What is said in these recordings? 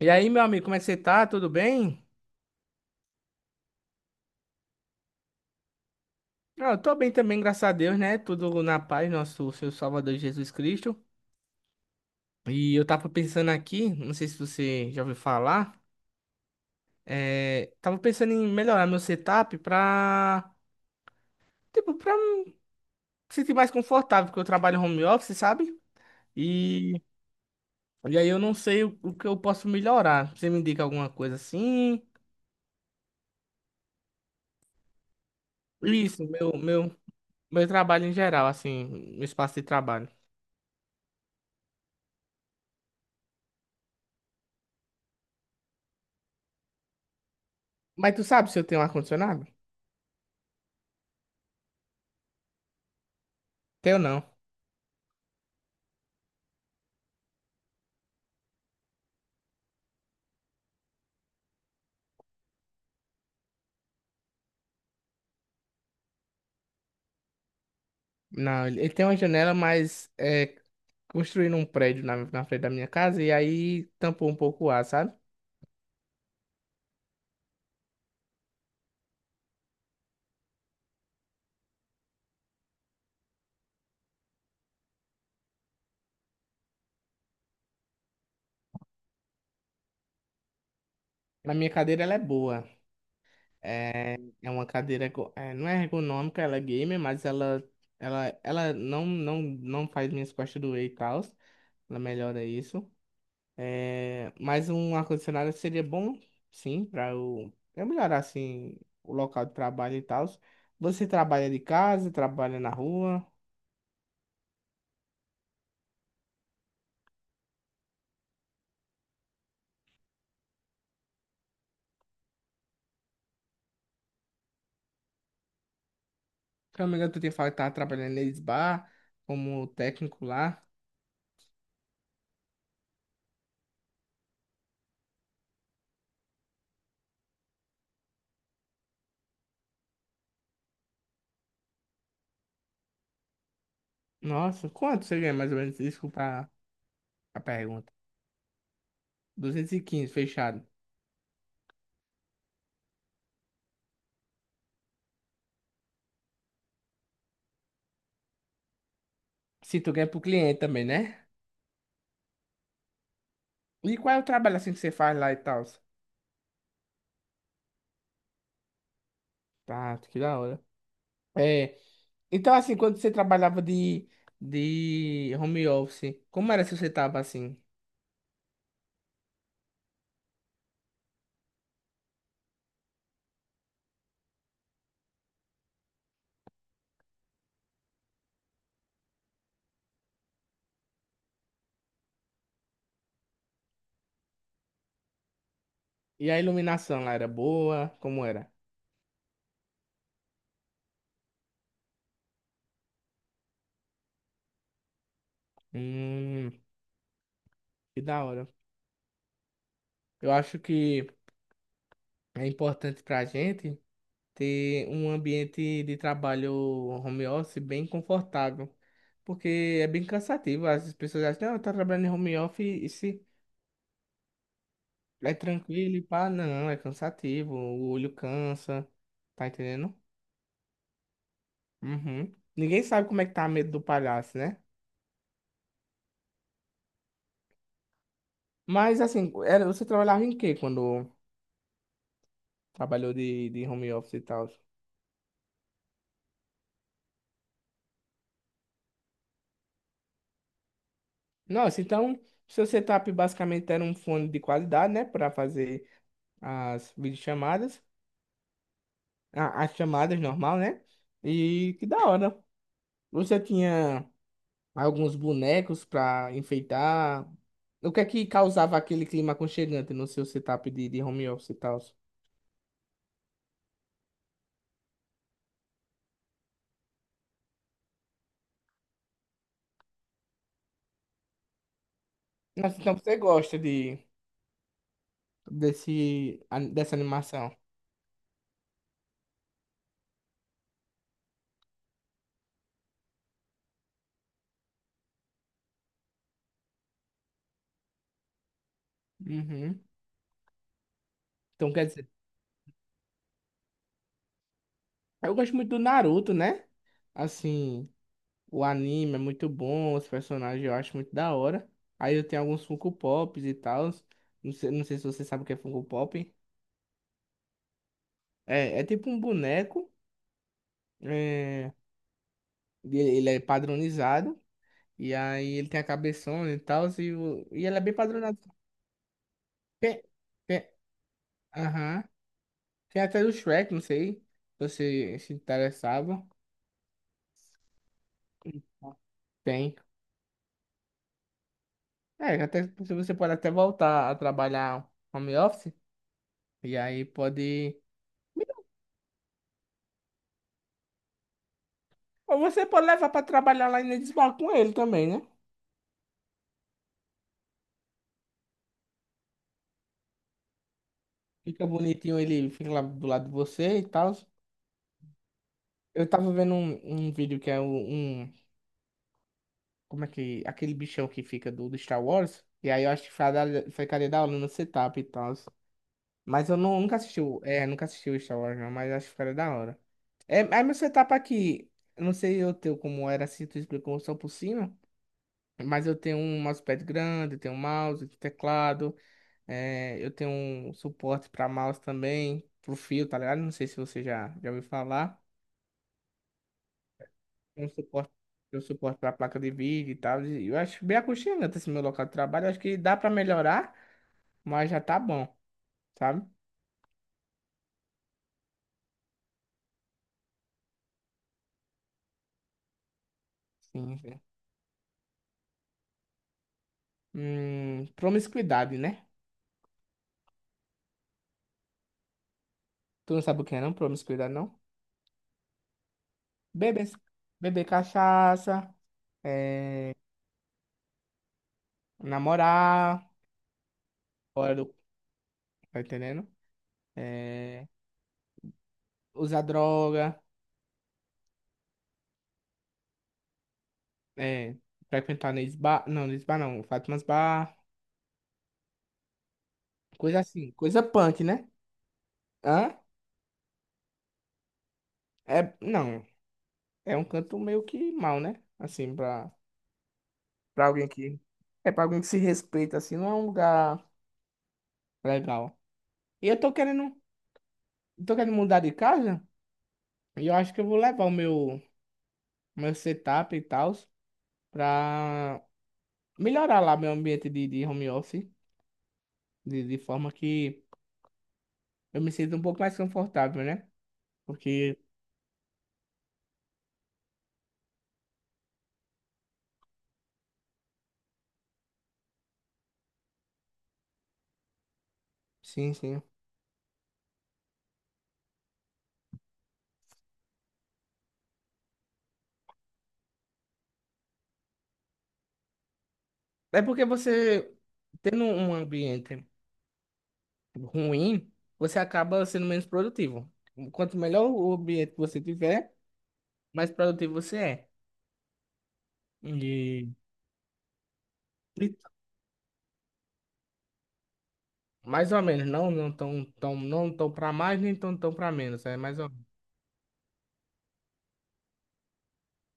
E aí, meu amigo, como é que você tá? Tudo bem? Ah, eu tô bem também, graças a Deus, né? Tudo na paz, nosso Senhor Salvador Jesus Cristo. E eu tava pensando aqui, não sei se você já ouviu falar, tava pensando em melhorar meu setup tipo, pra me sentir mais confortável, porque eu trabalho home office, sabe? E, e aí eu não sei o que eu posso melhorar. Você me indica alguma coisa assim? Isso, meu trabalho em geral, assim, meu espaço de trabalho. Mas tu sabe se eu tenho ar-condicionado? Tenho não. Não, ele tem uma janela, mas construíram um prédio na frente da minha casa e aí tampou um pouco o ar, sabe? Na minha cadeira ela é boa. É, é uma cadeira, não é ergonômica, ela é gamer, mas ela não faz minhas costas doer e tal. Ela melhora isso. É, mas um ar-condicionado seria bom, sim, para eu melhorar assim o local de trabalho e tal. Você trabalha de casa, trabalha na rua? Se eu não me engano, tu tinha falado que tava trabalhando nesse bar como técnico lá. Nossa, quanto você ganha mais ou menos? Desculpa a pergunta. 215 fechado. Se tu ganha pro cliente também, né? E qual é o trabalho assim que você faz lá e tal? Tá, que da hora. É. Então, assim, quando você trabalhava de home office, como era se você tava assim? E a iluminação lá era boa? Como era? Hum. Que da hora. Eu acho que é importante pra gente ter um ambiente de trabalho home office bem confortável. Porque é bem cansativo. As pessoas acham, não, tá trabalhando em home office e se é tranquilo e pá, não, é cansativo, o olho cansa, tá entendendo? Uhum. Ninguém sabe como é que tá a medo do palhaço, né? Mas assim, era, você trabalhava em quê quando trabalhou de home office e tal? Nossa, então seu setup basicamente era um fone de qualidade, né? Para fazer as videochamadas. As chamadas normal, né? E que da hora. Você tinha alguns bonecos pra enfeitar. O que é que causava aquele clima aconchegante no seu setup de home office e tal? Nossa, então você gosta dessa animação. Uhum. Então quer dizer, eu gosto muito do Naruto, né? Assim, o anime é muito bom, os personagens eu acho muito da hora. Aí eu tenho alguns Funko Pops e tal. Não sei se você sabe o que é Funko Pop. É tipo um boneco. É, e ele é padronizado. E aí ele tem a cabeçona e tal. E ele é bem padronizado. Tem, tem, aham. Tem até do Shrek, não sei se você se interessava. Tem. É, até, se você pode até voltar a trabalhar home office. E aí pode. Ou você pode levar pra trabalhar lá em Edisbar com ele também, né? Fica bonitinho, ele fica lá do lado de você e tal. Eu tava vendo um vídeo que é um, um Como é que. Aquele bichão que fica do Star Wars. E aí eu acho que ficaria da hora no setup e tal. Mas eu nunca assisti. Nunca assisti o Star Wars, não, mas acho que ficaria da hora. É, aí meu setup aqui. Eu não sei o teu como era assim, tu explicou só por cima. Mas eu tenho um mousepad grande, eu tenho um mouse, teclado. Eu tenho um suporte pra mouse também. Pro fio, tá ligado? Não sei se você já ouviu falar. Tem um suporte, tem um suporte para placa de vídeo e tal. E eu acho bem aconchegante esse meu local de trabalho. Eu acho que dá para melhorar, mas já tá bom, sabe? Sim, sim. Promiscuidade, né? Tu não sabe o que é, não? Promiscuidade, não? Beber, beber cachaça, é, namorar, fora do. Tá entendendo? É, usar droga, é, frequentar nesse bar. Não, nesse bar não. Fátima's bar. Coisa assim. Coisa punk, né? Hã? É, não. É um canto meio que mal, né? Assim, pra, pra alguém que. É pra alguém que se respeita, assim, não é um lugar legal. E eu tô querendo mudar de casa e eu acho que eu vou levar o meu setup e tal pra melhorar lá meu ambiente de home office, de forma que eu me sinta um pouco mais confortável, né? Porque, sim, sim. É porque você, tendo um ambiente ruim, você acaba sendo menos produtivo. Quanto melhor o ambiente que você tiver, mais produtivo você é. E e mais ou menos, não, não tão, tão, não tão para mais, nem tão, tão para menos, é mais ou menos.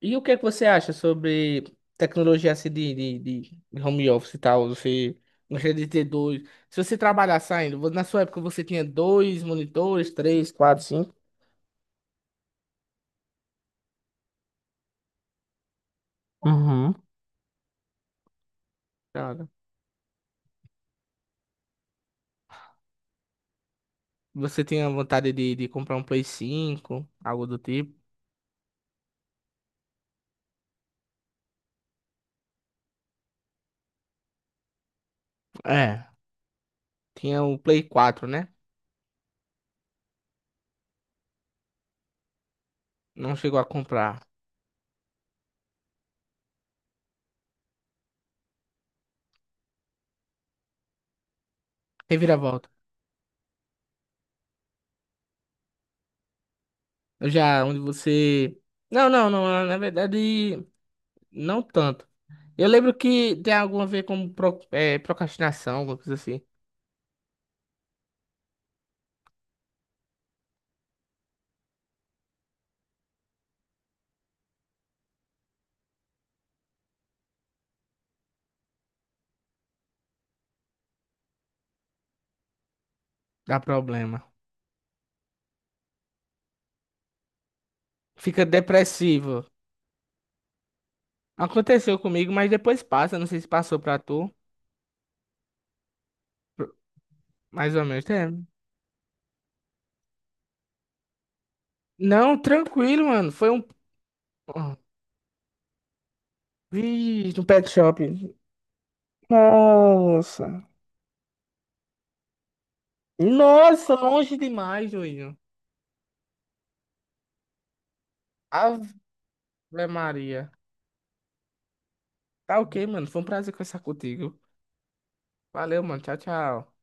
E o que é que você acha sobre tecnologia assim, de home office e tal? Você gostaria de ter dois? Se você trabalhar saindo, na sua época você tinha dois monitores, três, quatro, cinco? Uhum. Cara, você tinha vontade de comprar um Play 5 algo do tipo? É. Tinha o Play 4, né? Não chegou a comprar. Reviravolta. Já, onde você. Não, não, não, ah, na verdade, não tanto. Eu lembro que tem algum a ver com procrastinação, alguma coisa assim. Dá problema. Fica depressivo. Aconteceu comigo, mas depois passa. Não sei se passou pra tu. Pro- Mais ou menos. É. Não, tranquilo, mano. Foi um. Ah, vixe, um pet shop. Nossa. Nossa, longe demais, Juninho. Ave Maria. Tá ok, mano. Foi um prazer conversar contigo. Valeu, mano. Tchau, tchau.